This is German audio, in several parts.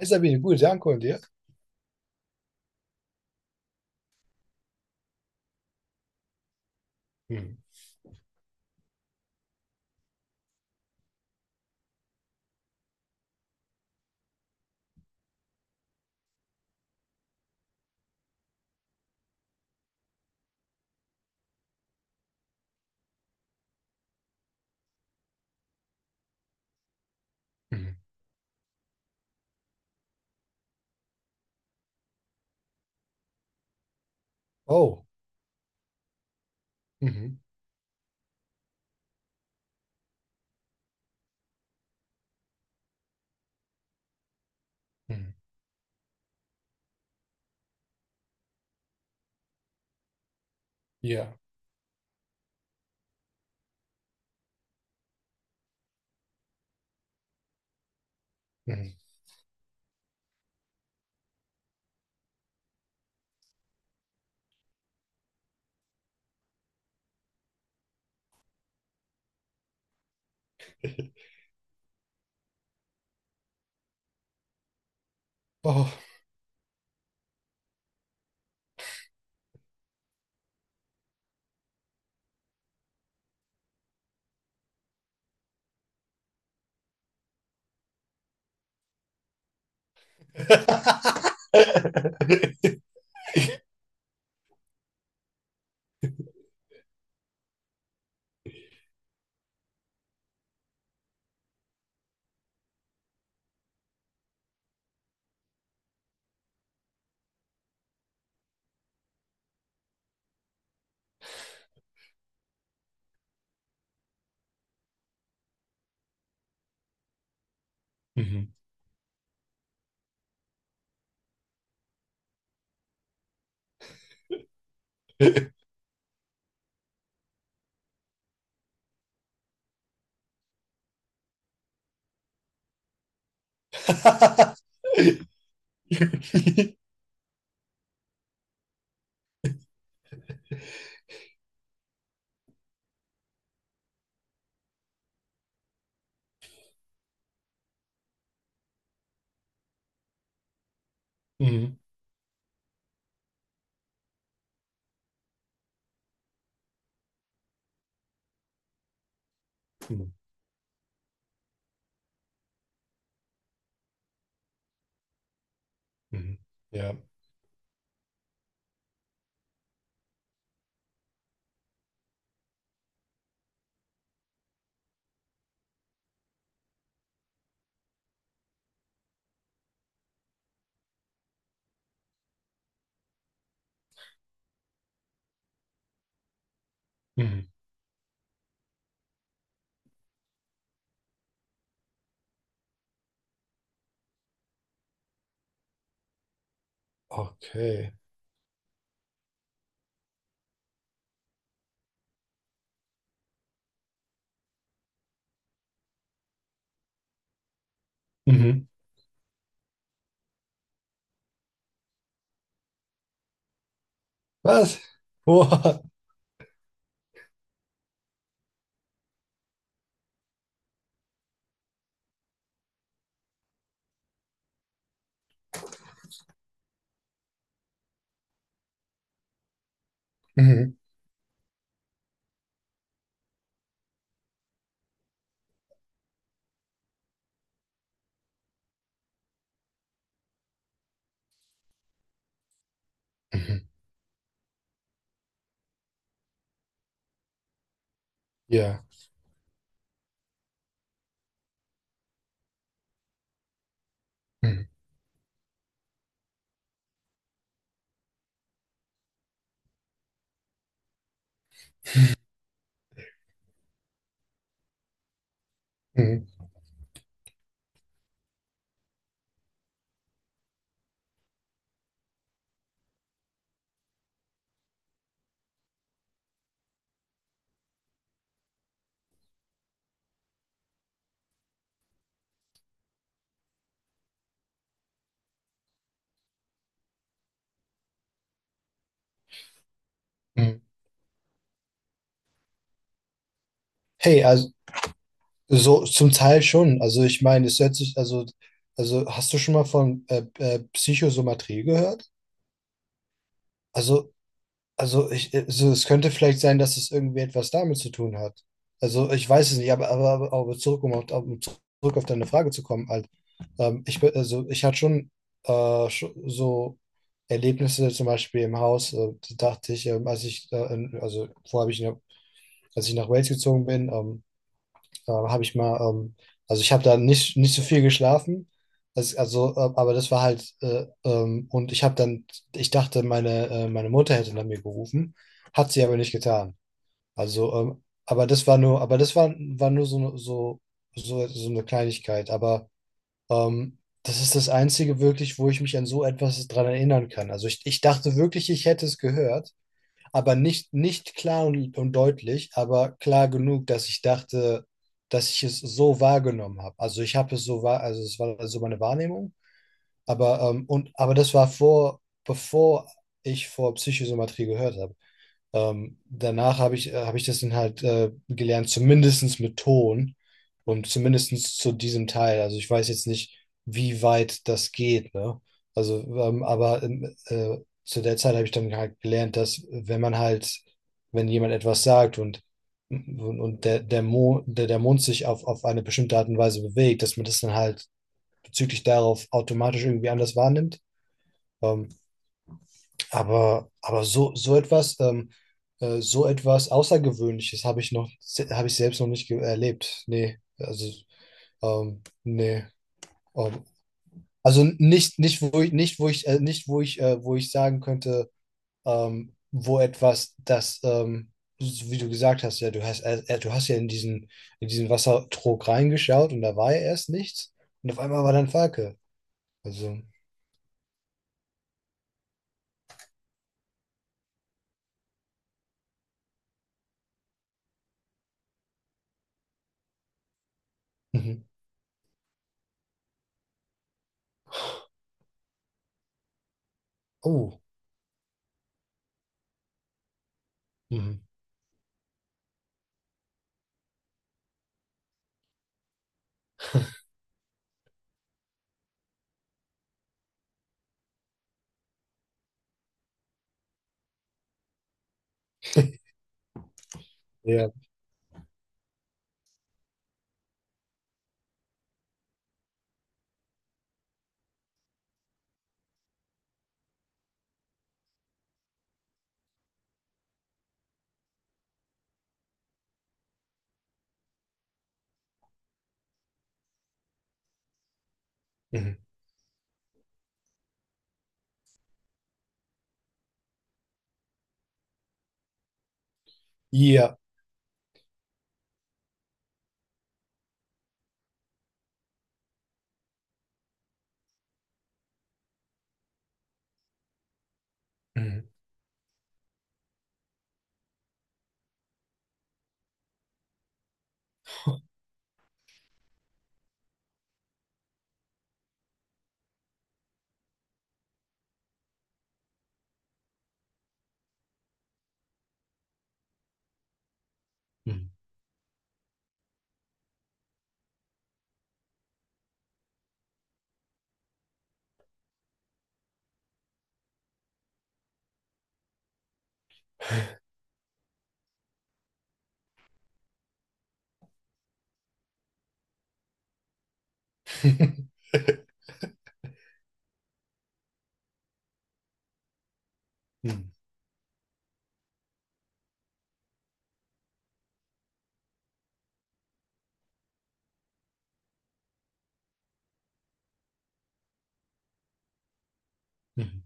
Hai Sabine, gut, danke und dir? Mhm. Mhm. Oh. Mhm. Mhm. Ja. Mhm. Oh. Mhm. Mhm. Mhm. Mhm. Ja. Mhm. Okay. Mhm. Was? Boah. Mhm. Mhm. Ja. Mhm. Mhm. Mhm. Hey, also so zum Teil schon. Also ich meine, es hört sich, also hast du schon mal von Psychosomatrie gehört? Also Also also es könnte vielleicht sein, dass es irgendwie etwas damit zu tun hat. Also ich weiß es nicht, aber um zurück auf deine Frage zu kommen, halt, also ich hatte schon so Erlebnisse zum Beispiel im Haus. Da dachte ich, als ich, in, also vorher habe ich, als ich nach Wales gezogen bin, habe ich mal, also ich habe da nicht so viel geschlafen. Das, also, aber das war halt, und ich habe dann, ich dachte, meine Mutter hätte nach mir gerufen, hat sie aber nicht getan. Also, aber das war nur, aber das war nur so, so, so eine Kleinigkeit. Aber ähm, das ist das Einzige wirklich, wo ich mich an so etwas dran erinnern kann. Also ich dachte wirklich, ich hätte es gehört, aber nicht klar und deutlich, aber klar genug, dass ich dachte, dass ich es so wahrgenommen habe. Also ich habe es so wahr, also es war so meine Wahrnehmung, aber und aber das war vor, bevor ich vor Psychosomatrie gehört habe. Danach habe ich das dann halt gelernt, zumindestens mit Ton und zumindestens zu diesem Teil. Also ich weiß jetzt nicht, wie weit das geht, ne? Also, aber zu der Zeit habe ich dann halt gelernt, dass wenn man halt, wenn jemand etwas sagt und der Mund sich auf eine bestimmte Art und Weise bewegt, dass man das dann halt bezüglich darauf automatisch irgendwie anders wahrnimmt. Ähm, aber, so etwas Außergewöhnliches habe ich noch, habe ich selbst noch nicht erlebt. Nee, also, nee. Ähm, also nicht, nicht, wo ich, nicht, wo ich, nicht, wo ich sagen könnte, wo etwas, das, so wie du gesagt hast, ja, du hast ja in diesen Wassertrog reingeschaut und da war ja erst nichts. Und auf einmal war dann Falke. Also, mhm. Oh. Mhm. Ja. Mhm. Ja. Mhm. Mhm. Mhm, mhm, mhm,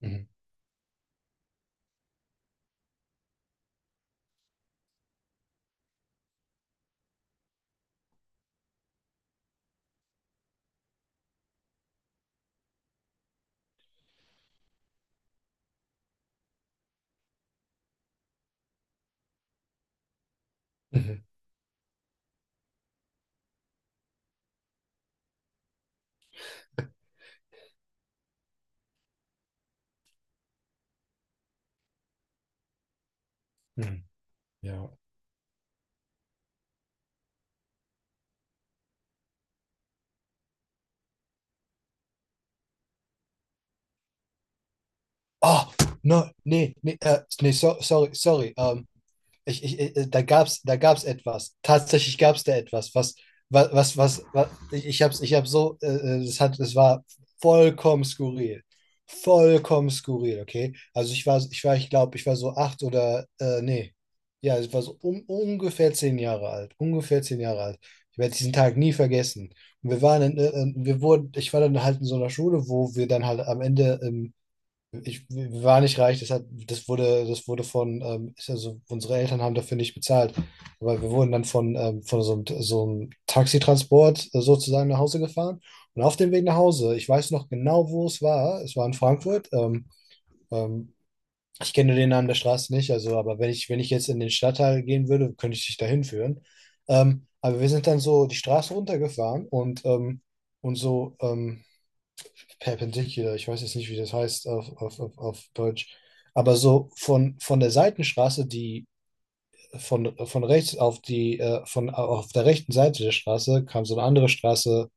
mhm, mhm, mhm. Mhm. Ja. Ah, no, nee, nee, nee, so, sorry, sorry. Da gab's etwas. Tatsächlich gab's da etwas, was ich hab's, ich hab so, es war vollkommen skurril. Vollkommen skurril, okay? Also ich glaube, ich war so acht oder, nee. Ja, ich war so um, ungefähr zehn Jahre alt. Ungefähr zehn Jahre alt. Ich werde diesen Tag nie vergessen. Und wir waren ich war dann halt in so einer Schule, wo wir dann halt am Ende, ich war nicht reich, das wurde von, ist, also unsere Eltern haben dafür nicht bezahlt. Aber wir wurden dann von so einem Taxitransport sozusagen nach Hause gefahren. Und auf dem Weg nach Hause, ich weiß noch genau, wo es war. Es war in Frankfurt. Ähm, Ich kenne den Namen der Straße nicht, also, aber wenn ich jetzt in den Stadtteil gehen würde, könnte ich dich dahin führen. Aber wir sind dann so die Straße runtergefahren und so, perpendicular, ich weiß jetzt nicht, wie das heißt auf Deutsch, aber so von der Seitenstraße, die von rechts auf die, von auf der rechten Seite der Straße kam so eine andere Straße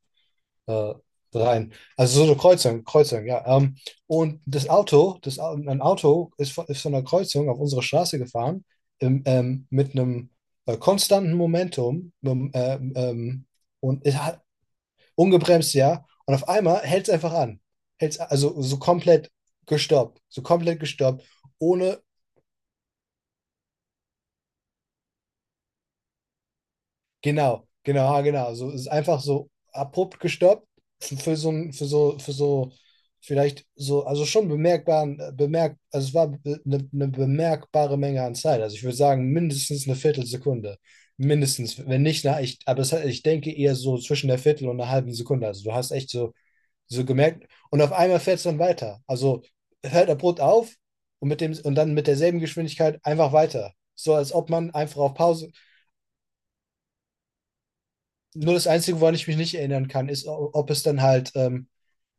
äh, rein. Also so eine Kreuzung, Kreuzung, ja. Und das Auto, ein Auto ist von, der Kreuzung auf unsere Straße gefahren, mit einem konstanten Momentum, und es, ungebremst, ja. Und auf einmal hält es einfach an. Hält's, also so komplett gestoppt, ohne, genau, genau, ah, genau. So es ist einfach so abrupt gestoppt für so ein, für so, vielleicht so, also schon bemerkbaren, also es war eine bemerkbare Menge an Zeit. Also ich würde sagen, mindestens eine Viertelsekunde. Mindestens, wenn nicht, na, ich denke eher so zwischen der Viertel und einer halben Sekunde. Also du hast echt so gemerkt. Und auf einmal fährt es dann weiter. Also hört abrupt auf und dann mit derselben Geschwindigkeit einfach weiter. So als ob man einfach auf Pause. Nur das Einzige, woran ich mich nicht erinnern kann, ist, ob es dann halt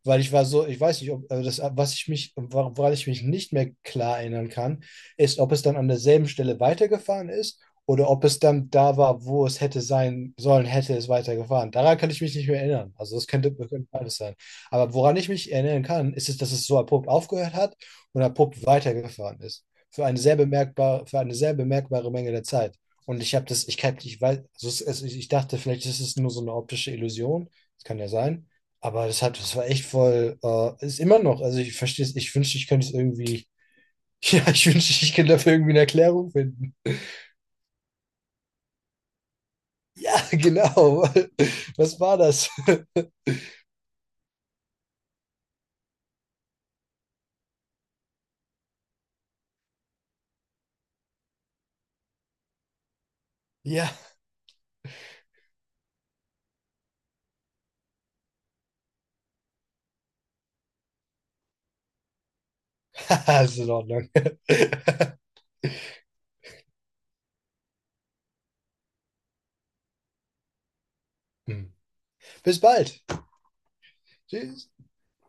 weil ich war so, ich weiß nicht, ob also das, woran ich mich nicht mehr klar erinnern kann, ist, ob es dann an derselben Stelle weitergefahren ist oder ob es dann da war, wo es hätte sein sollen, hätte es weitergefahren. Daran kann ich mich nicht mehr erinnern. Also das könnte beides sein. Aber woran ich mich erinnern kann, ist es, dass es so abrupt aufgehört hat und abrupt weitergefahren ist. Für eine sehr bemerkbare Menge der Zeit. Und ich habe das, ich weiß, also ich dachte, vielleicht ist es nur so eine optische Illusion. Das kann ja sein. Aber das war echt voll, ist immer noch, also ich verstehe es, ich wünschte, ich könnte es irgendwie, ja, ich wünschte, ich könnte dafür irgendwie eine Erklärung finden. Ja, genau. Was war das? Ja, ist in Ordnung. Hm. Bis bald. Tschüss.